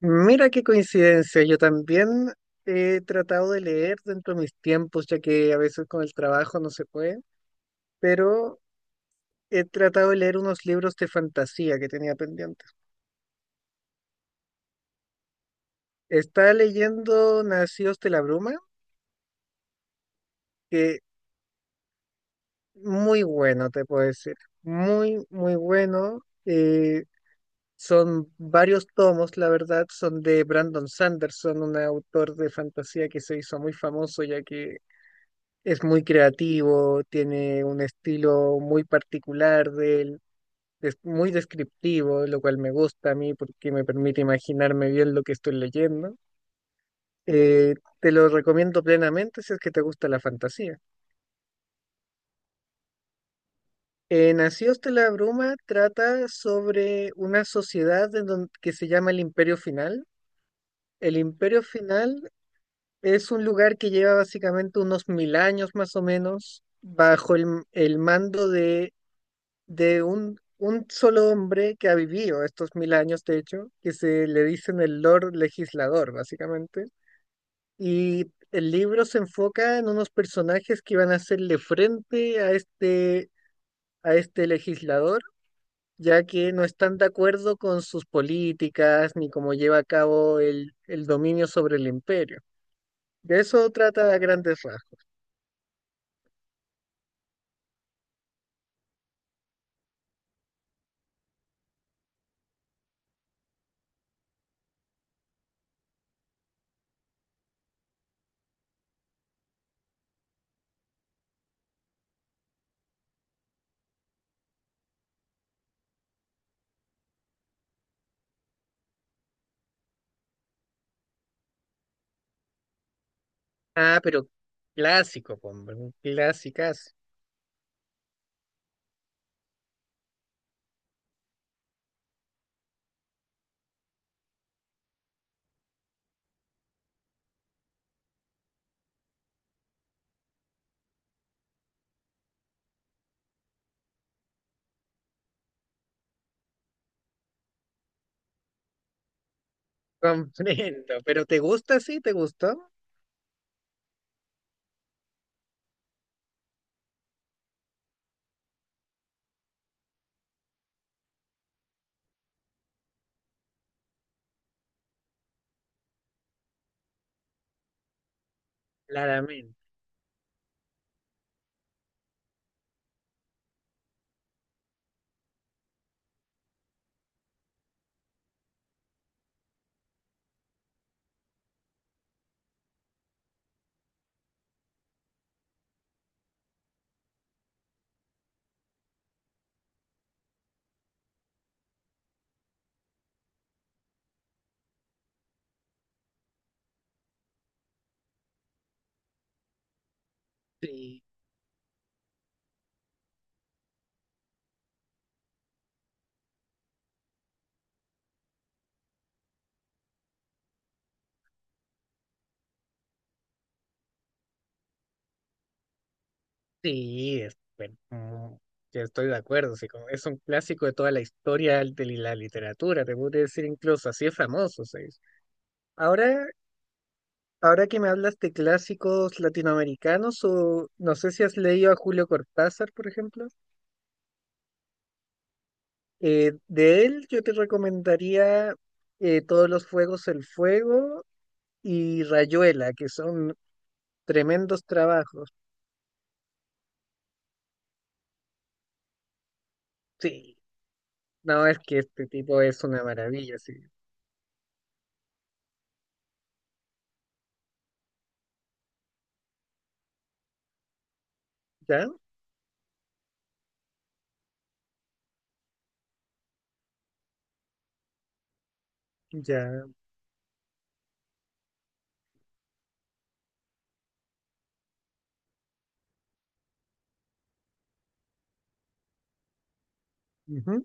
Mira qué coincidencia, yo también he tratado de leer dentro de mis tiempos, ya que a veces con el trabajo no se puede, pero he tratado de leer unos libros de fantasía que tenía pendientes. Estaba leyendo Nacidos de la Bruma, que muy bueno, te puedo decir, muy, muy bueno. eh, Son varios tomos, la verdad, son de Brandon Sanderson, un autor de fantasía que se hizo muy famoso, ya que es muy creativo, tiene un estilo muy particular de él, es muy descriptivo, lo cual me gusta a mí porque me permite imaginarme bien lo que estoy leyendo. Te lo recomiendo plenamente si es que te gusta la fantasía. Nacidos de la Bruma trata sobre una sociedad que se llama el Imperio Final. El Imperio Final es un lugar que lleva básicamente unos 1.000 años más o menos bajo el mando de un solo hombre que ha vivido estos 1.000 años, de hecho, que se le dicen el Lord Legislador, básicamente. Y el libro se enfoca en unos personajes que van a hacerle frente a este legislador, ya que no están de acuerdo con sus políticas ni cómo lleva a cabo el dominio sobre el imperio. De eso trata a grandes rasgos. Ah, pero clásico, hombre, clásicas clasicazo. Comprendo, pero ¿te gusta? Sí, ¿te gustó? Claramente, sí, sí, bueno, yo estoy de acuerdo, sí, como es un clásico de toda la historia de la literatura, te puedo decir incluso, así es famoso, sí. Ahora, ahora que me hablas de clásicos latinoamericanos, o no sé si has leído a Julio Cortázar, por ejemplo, de él yo te recomendaría Todos los Fuegos, el Fuego y Rayuela, que son tremendos trabajos, sí, no, es que este tipo es una maravilla, sí, ¿ya? Ya, ujú,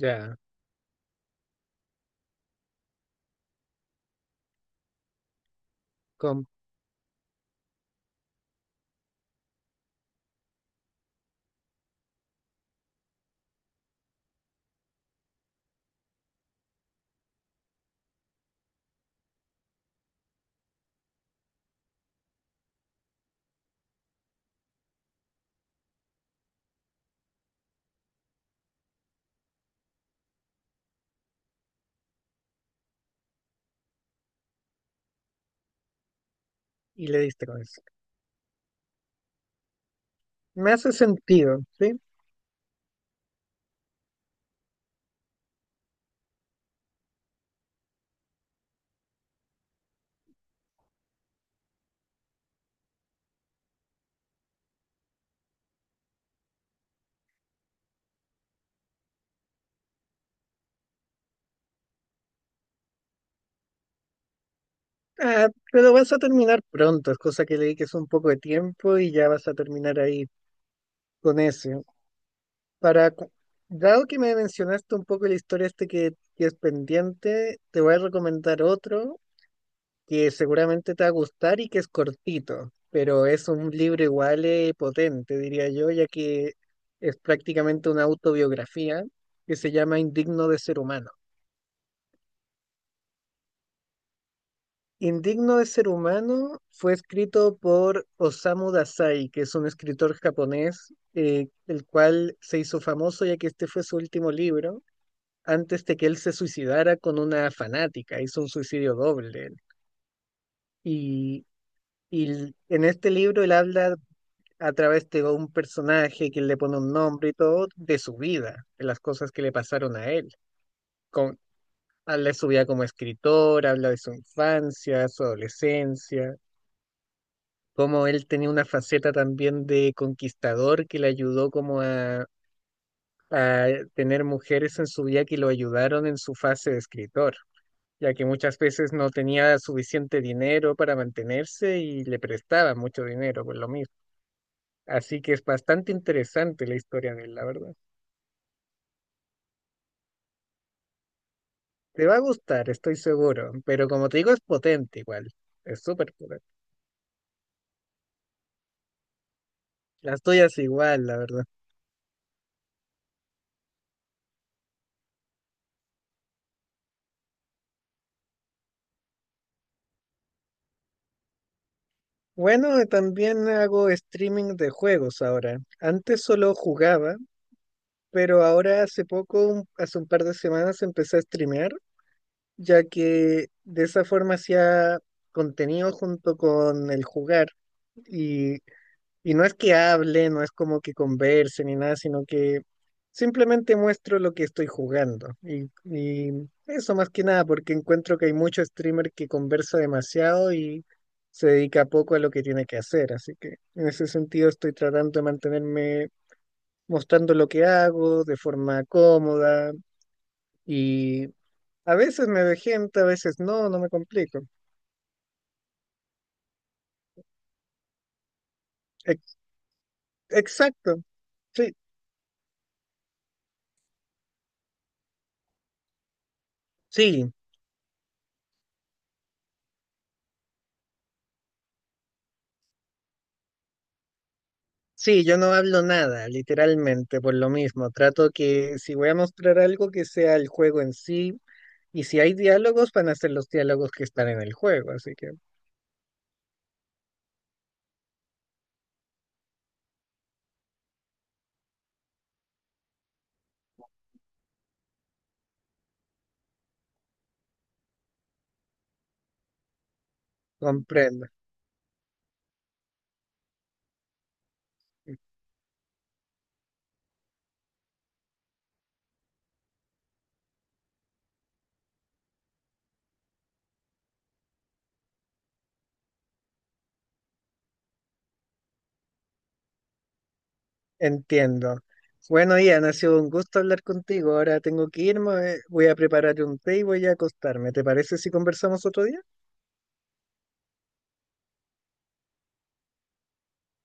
ya, com- y le distraes. Me hace sentido, ¿sí? Ah, pero vas a terminar pronto, es cosa que le dediques un poco de tiempo y ya vas a terminar ahí con eso. Para, cu- dado que me mencionaste un poco la historia este que es pendiente, te voy a recomendar otro que seguramente te va a gustar y que es cortito, pero es un libro igual, potente, diría yo, ya que es prácticamente una autobiografía que se llama Indigno de ser humano. Indigno de ser humano fue escrito por Osamu Dazai, que es un escritor japonés, el cual se hizo famoso ya que este fue su último libro, antes de que él se suicidara con una fanática, hizo un suicidio doble. Y, en este libro él habla a través de un personaje que le pone un nombre y todo, de su vida, de las cosas que le pasaron a él. Con, habla de su vida como escritor, habla de su infancia, su adolescencia como él tenía una faceta también de conquistador que le ayudó como a tener mujeres en su vida que lo ayudaron en su fase de escritor, ya que muchas veces no tenía suficiente dinero para mantenerse y le prestaban mucho dinero por lo mismo. Así que es bastante interesante la historia de él, la verdad. Te va a gustar, estoy seguro, pero como te digo, es potente igual, es súper potente. Las tuyas igual, la verdad. Bueno, también hago streaming de juegos ahora. Antes solo jugaba, pero ahora hace poco, hace un par de semanas, empecé a streamear, ya que de esa forma hacía contenido junto con el jugar. Y, y no es que hable, no es como que converse ni nada, sino que simplemente muestro lo que estoy jugando. Y eso más que nada, porque encuentro que hay mucho streamer que conversa demasiado y se dedica poco a lo que tiene que hacer. Así que en ese sentido estoy tratando de mantenerme mostrando lo que hago de forma cómoda y a veces me vejento, a veces no, no me complico. Ex- Exacto, sí, sí, sí, yo no hablo nada, literalmente, por lo mismo. Trato que si voy a mostrar algo que sea el juego en sí y si hay diálogos van a ser los diálogos que están en el juego, así que comprendo, entiendo. Bueno, Ian, ha sido un gusto hablar contigo. Ahora tengo que irme, voy a preparar un té y voy a acostarme. ¿Te parece si conversamos otro día?